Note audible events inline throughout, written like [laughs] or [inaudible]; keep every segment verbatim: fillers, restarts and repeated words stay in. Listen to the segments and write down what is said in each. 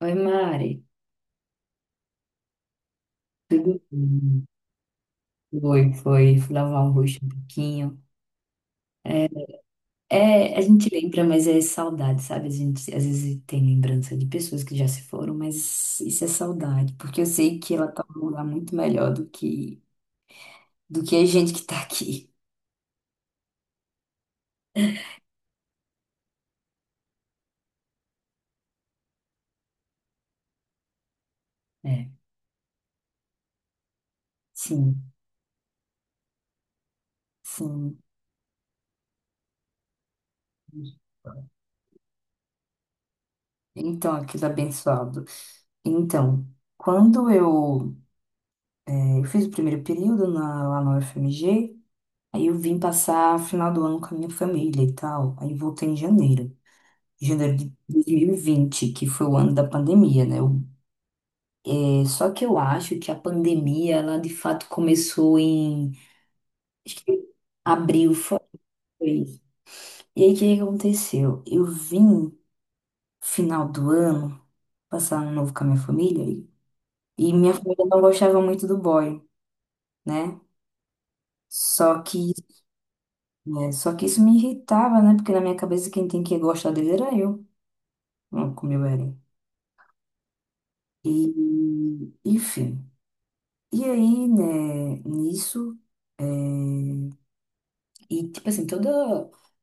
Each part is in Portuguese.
Oi, Mari. Tudo bem? Foi, foi. Fui lavar o rosto um pouquinho. É, a gente lembra, mas é saudade, sabe? A gente às vezes tem lembrança de pessoas que já se foram, mas isso é saudade, porque eu sei que ela tá num lugar muito melhor do que, do que a gente que tá aqui. É, sim, sim. Então, aquilo é abençoado. Então, quando eu, eh, eu fiz o primeiro período na- lá na U F M G. Aí eu vim passar final do ano com a minha família e tal. Aí voltei em janeiro. Janeiro de dois mil e vinte, que foi o ano da pandemia, né? Eu- é, só que eu acho que a pandemia, ela de fato começou em... Acho que abril foi. E aí, o que que aconteceu? Eu vim final do ano passar ano novo com a minha família e e minha família não gostava muito do boy, né? Só que, né? Só que isso me irritava, né? Porque na minha cabeça quem tem que gostar dele era eu, não como eu era. E, enfim. E aí, né, nisso, é, e tipo assim, toda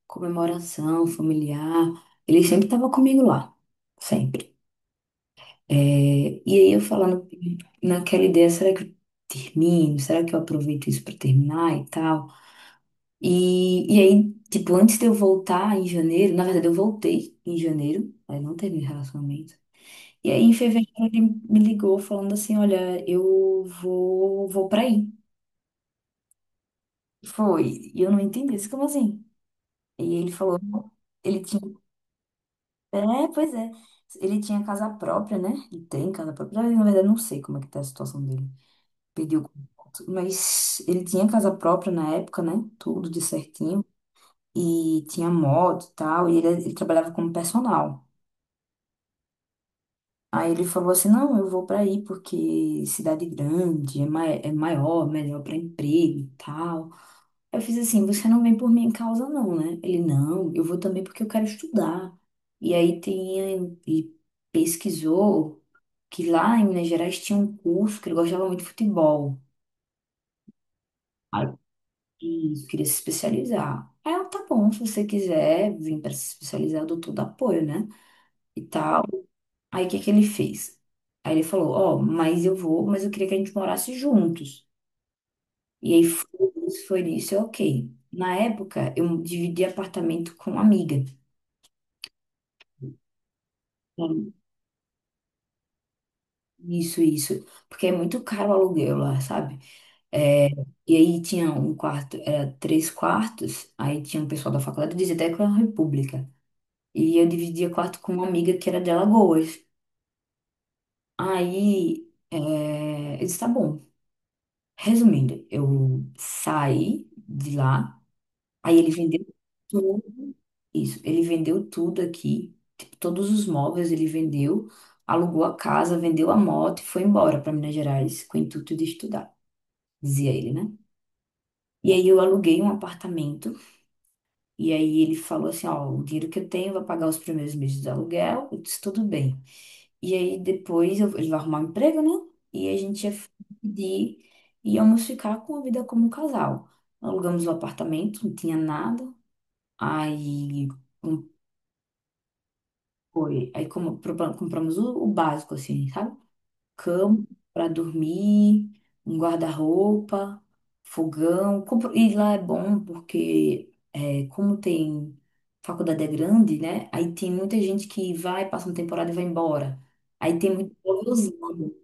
comemoração familiar, ele sempre tava comigo lá, sempre. É, e aí eu falando naquela ideia, será que eu termino? Será que eu aproveito isso pra terminar e tal? E, e aí, tipo, antes de eu voltar em janeiro, na verdade eu voltei em janeiro, aí não teve relacionamento. E aí, em fevereiro, ele me ligou falando assim: Olha, eu vou, vou pra aí. Foi. E eu não entendi isso, como assim? E ele falou: Ele tinha. É, pois é. Ele tinha casa própria, né? Ele tem casa própria. Na verdade, eu não sei como é que tá a situação dele. Pediu contato. Mas ele tinha casa própria na época, né? Tudo de certinho. E tinha moto e tal. E ele, ele trabalhava como personal. Aí ele falou assim, não, eu vou para aí porque cidade grande é, mai é maior, melhor para emprego e tal. Eu fiz assim, você não vem por minha causa não, né? Ele, não, eu vou também porque eu quero estudar. E aí tem, e pesquisou que lá em Minas Gerais tinha um curso que ele gostava muito de futebol. Aí ele queria se especializar. Aí eu, tá bom, se você quiser vir para se especializar, eu dou todo apoio, né? E tal. Aí o que que ele fez? Aí ele falou, ó, mas eu vou, mas eu queria que a gente morasse juntos. E aí foi isso, foi isso, eu, ok. Na época, eu dividi apartamento com uma amiga. Hum. Isso, isso. Porque é muito caro o aluguel lá, sabe? É, e aí tinha um quarto, era três quartos, aí tinha um pessoal da faculdade, eu dizia até que era uma república. E eu dividia quarto com uma amiga que era de Alagoas. Aí, é, eu disse, tá bom. Resumindo, eu saí de lá. Aí ele vendeu tudo, isso, ele vendeu tudo aqui, tipo, todos os móveis ele vendeu, alugou a casa, vendeu a moto e foi embora para Minas Gerais com o intuito de estudar, dizia ele, né? E aí eu aluguei um apartamento e aí ele falou assim, ó, o dinheiro que eu tenho vai pagar os primeiros meses do aluguel, eu disse, tudo bem. E aí depois eu, ele vai arrumar um emprego, né? E a gente ia pedir, íamos ficar com a vida como um casal. Alugamos o apartamento, não tinha nada. Aí, um foi. Aí como, propa- compramos o, o básico, assim, sabe? Cama para dormir, um guarda-roupa, fogão. Compro- E lá é bom porque, é, como tem faculdade é grande, né? Aí tem muita gente que vai, passa uma temporada e vai embora. Aí tem muito móvel usado,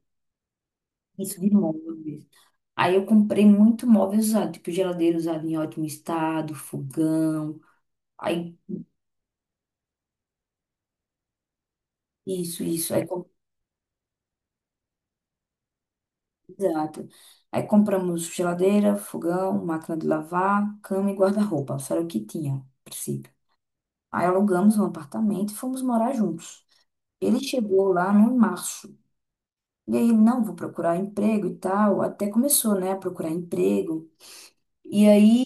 isso de móveis. Aí eu comprei muito móvel usado, tipo geladeira usada em ótimo estado, fogão. Aí isso, isso. Aí, exato. Aí compramos geladeira, fogão, máquina de lavar, cama e guarda-roupa. Só era o que tinha, a princípio. Aí alugamos um apartamento e fomos morar juntos. Ele chegou lá no março. E aí, não, vou procurar emprego e tal. Até começou, né, a procurar emprego. E aí,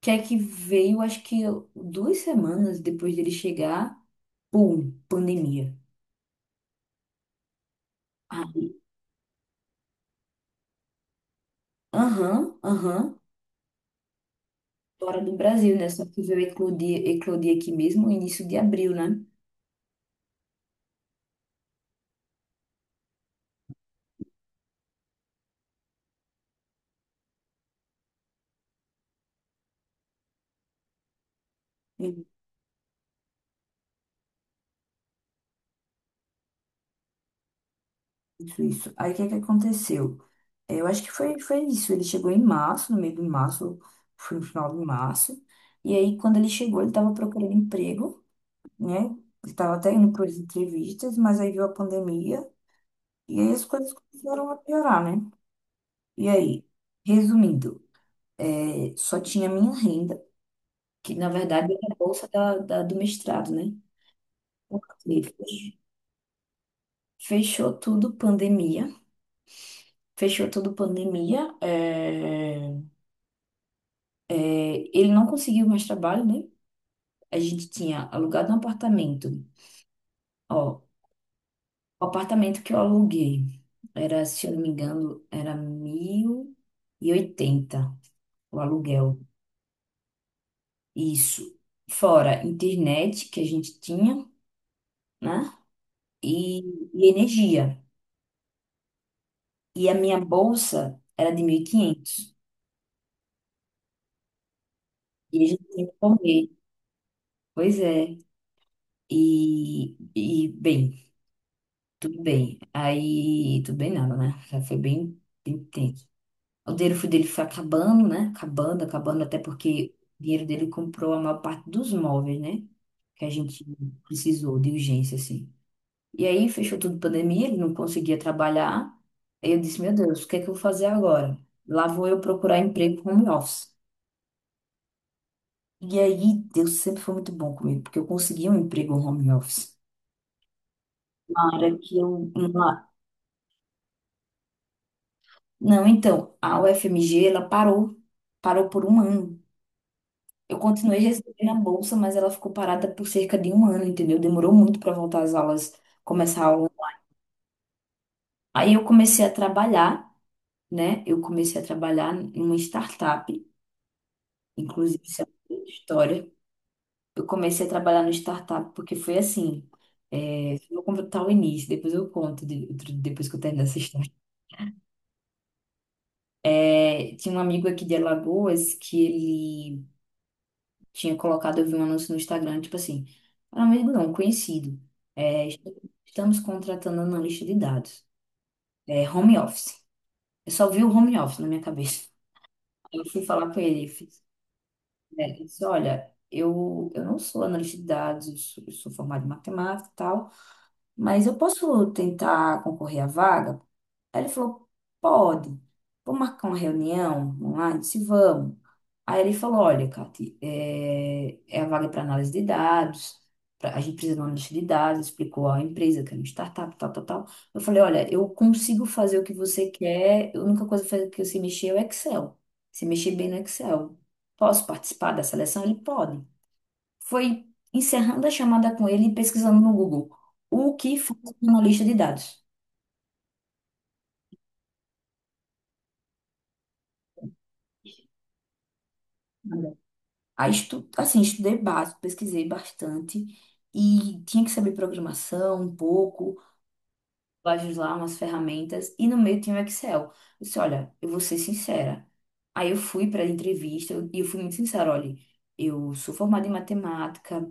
que é que veio, acho que duas semanas depois dele chegar, pum, pandemia. Ah. Aham, aham. Fora do Brasil, né? Só que veio eclodir, eclodir aqui mesmo, no início de abril, né? Isso, isso. Aí o que é que aconteceu? É, eu acho que foi, foi isso. Ele chegou em março, no meio de março, foi no final de março. E aí, quando ele chegou, ele estava procurando emprego, né? Ele estava até indo para as entrevistas, mas aí veio a pandemia e aí as coisas começaram a piorar, né? E aí, resumindo, eh, só tinha a minha renda, que na verdade era a bolsa da, da- do mestrado, né? Porque fechou tudo pandemia, fechou tudo pandemia. é, É, ele não conseguiu mais trabalho, né? A gente tinha alugado um apartamento. Ó, o apartamento que eu aluguei era, se eu não me engano, era mil e oitenta o aluguel. Isso. Fora internet que a gente tinha, né? E, e energia. E a minha bolsa era de mil e quinhentos. E quinhentos. E a gente tinha que comer. Pois é. E, e bem, tudo bem. Aí, tudo bem nada, né? Já foi bem, bem tenso. O dinheiro foi dele foi acabando, né? Acabando, acabando, até porque o dinheiro dele comprou a maior parte dos móveis, né? Que a gente precisou de urgência, assim. E aí fechou tudo pandemia, ele não conseguia trabalhar. Aí eu disse, meu Deus, o que é que eu vou fazer agora? Lá vou eu procurar emprego home office. E aí, Deus sempre foi muito bom comigo, porque eu consegui um emprego home office. Uma área que eu... uma- Não, então, a U F M G, ela parou. Parou por um ano. Eu continuei recebendo a bolsa, mas ela ficou parada por cerca de um ano, entendeu? Demorou muito para voltar às aulas, começar a aula. Aí eu comecei a trabalhar, né? Eu comecei a trabalhar em uma startup, inclusive isso é uma outra história. Eu comecei a trabalhar no startup porque foi assim. É, eu vou contar o início, depois eu conto, de- depois que eu terminar essa história. É, tinha um amigo aqui de Alagoas que ele tinha colocado, eu vi um anúncio no Instagram, tipo assim, para amigo não, conhecido. É, est- estamos contratando analista de dados. É, home office. Eu só vi o home office na minha cabeça. [laughs] Aí eu fui falar com ele, fiz, né, eu disse, olha, eu, eu não sou analista de dados, eu sou, eu sou formado em matemática e tal, mas eu posso tentar concorrer à vaga? Aí ele falou, pode, vamos marcar uma reunião online? Eu disse, vamos. Aí ele falou, olha, Cati, é, é a vaga para análise de dados, pra- a gente precisa de uma lista de dados, explicou a empresa, que era uma startup, tal, tal, tal. Eu falei, olha, eu consigo fazer o que você quer, a única coisa que eu sei mexer é o Excel, se mexer bem no Excel. Posso participar da seleção? Ele pode. Foi encerrando a chamada com ele e pesquisando no Google, o que faz um analista de dados? Aí, estu... assim, estudei básico, pesquisei bastante e tinha que saber programação um pouco, lá umas ferramentas e no meio tinha o Excel. Eu disse, olha, eu vou ser sincera. Aí eu fui para a entrevista eu- e eu fui muito sincera, olha, eu sou formada em matemática,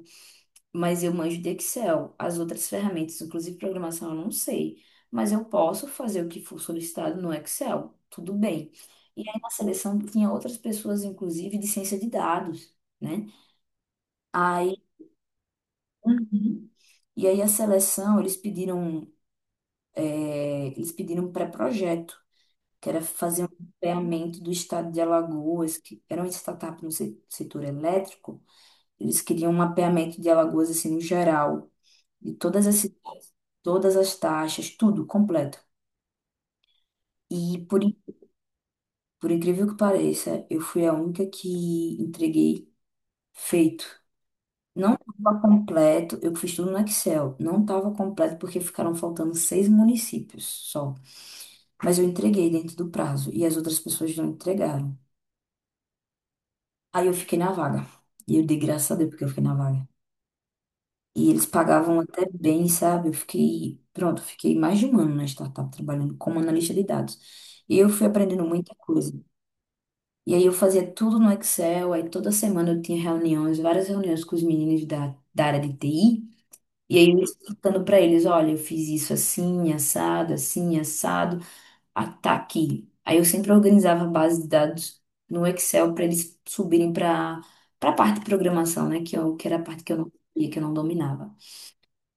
mas eu manjo de Excel. As outras ferramentas, inclusive programação, eu não sei, mas eu posso fazer o que for solicitado no Excel, tudo bem. E aí na seleção tinha outras pessoas, inclusive de ciência de dados, né? Uhum. E aí a seleção, eles pediram, é, eles pediram um pré-projeto, que era fazer um mapeamento do estado de Alagoas, que era uma startup no se- setor elétrico. Eles queriam um mapeamento de Alagoas, assim, no geral, de todas as cidades, todas as taxas, tudo completo. E por, in- por incrível que pareça, eu fui a única que entreguei feito. Não estava completo, eu fiz tudo no Excel. Não estava completo porque ficaram faltando seis municípios só. Mas eu entreguei dentro do prazo e as outras pessoas não entregaram. Aí eu fiquei na vaga. E eu dei graças a Deus porque eu fiquei na vaga. E eles pagavam até bem, sabe? Eu fiquei, pronto, fiquei mais de um ano na startup trabalhando como analista de dados. E eu fui aprendendo muita coisa. E aí eu fazia tudo no Excel, aí toda semana eu tinha reuniões, várias reuniões com os meninos da, da área de T I. E aí eu explicando para eles, olha, eu fiz isso assim, assado, assim, assado. Ataque. Aí eu sempre organizava a base de dados no Excel para eles subirem para para a parte de programação, né? Que, eu, que era a parte que eu não sabia, que eu não dominava.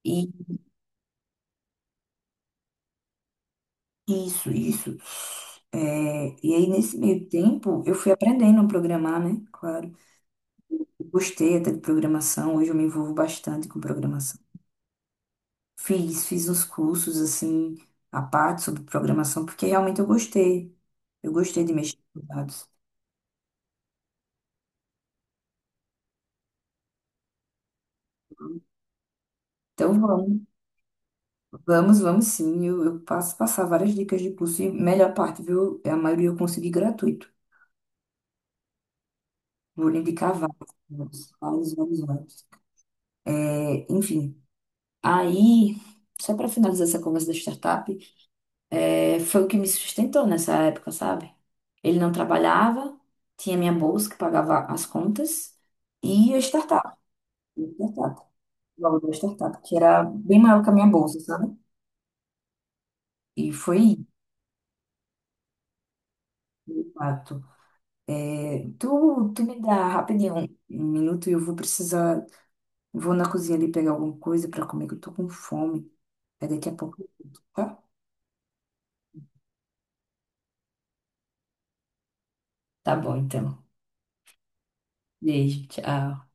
E isso, isso. É, e aí, nesse meio tempo, eu fui aprendendo a programar, né? Claro. Gostei até de programação, hoje eu me envolvo bastante com programação. Fiz, fiz uns cursos, assim, à parte sobre programação, porque realmente eu gostei. Eu gostei de mexer com dados. Então, vamos. Vamos, vamos sim. Eu, eu passo passar várias dicas de curso e melhor parte, viu? É, a maioria eu consegui gratuito. Vou lhe indicar vários, vários, vários, vários. É, enfim, aí, só para finalizar essa conversa da startup, é, foi o que me sustentou nessa época, sabe? Ele não trabalhava, tinha minha bolsa que pagava as contas e a startup, a startup, o valor da startup, que era bem maior que a minha bolsa, sabe? E foi, isso, de fato. É, tu, tu me dá rapidinho um um minuto e eu vou precisar. Vou na cozinha ali pegar alguma coisa pra comer, que eu tô com fome. Aí daqui a pouco eu volto, tá? Tá bom, então. Beijo, tchau.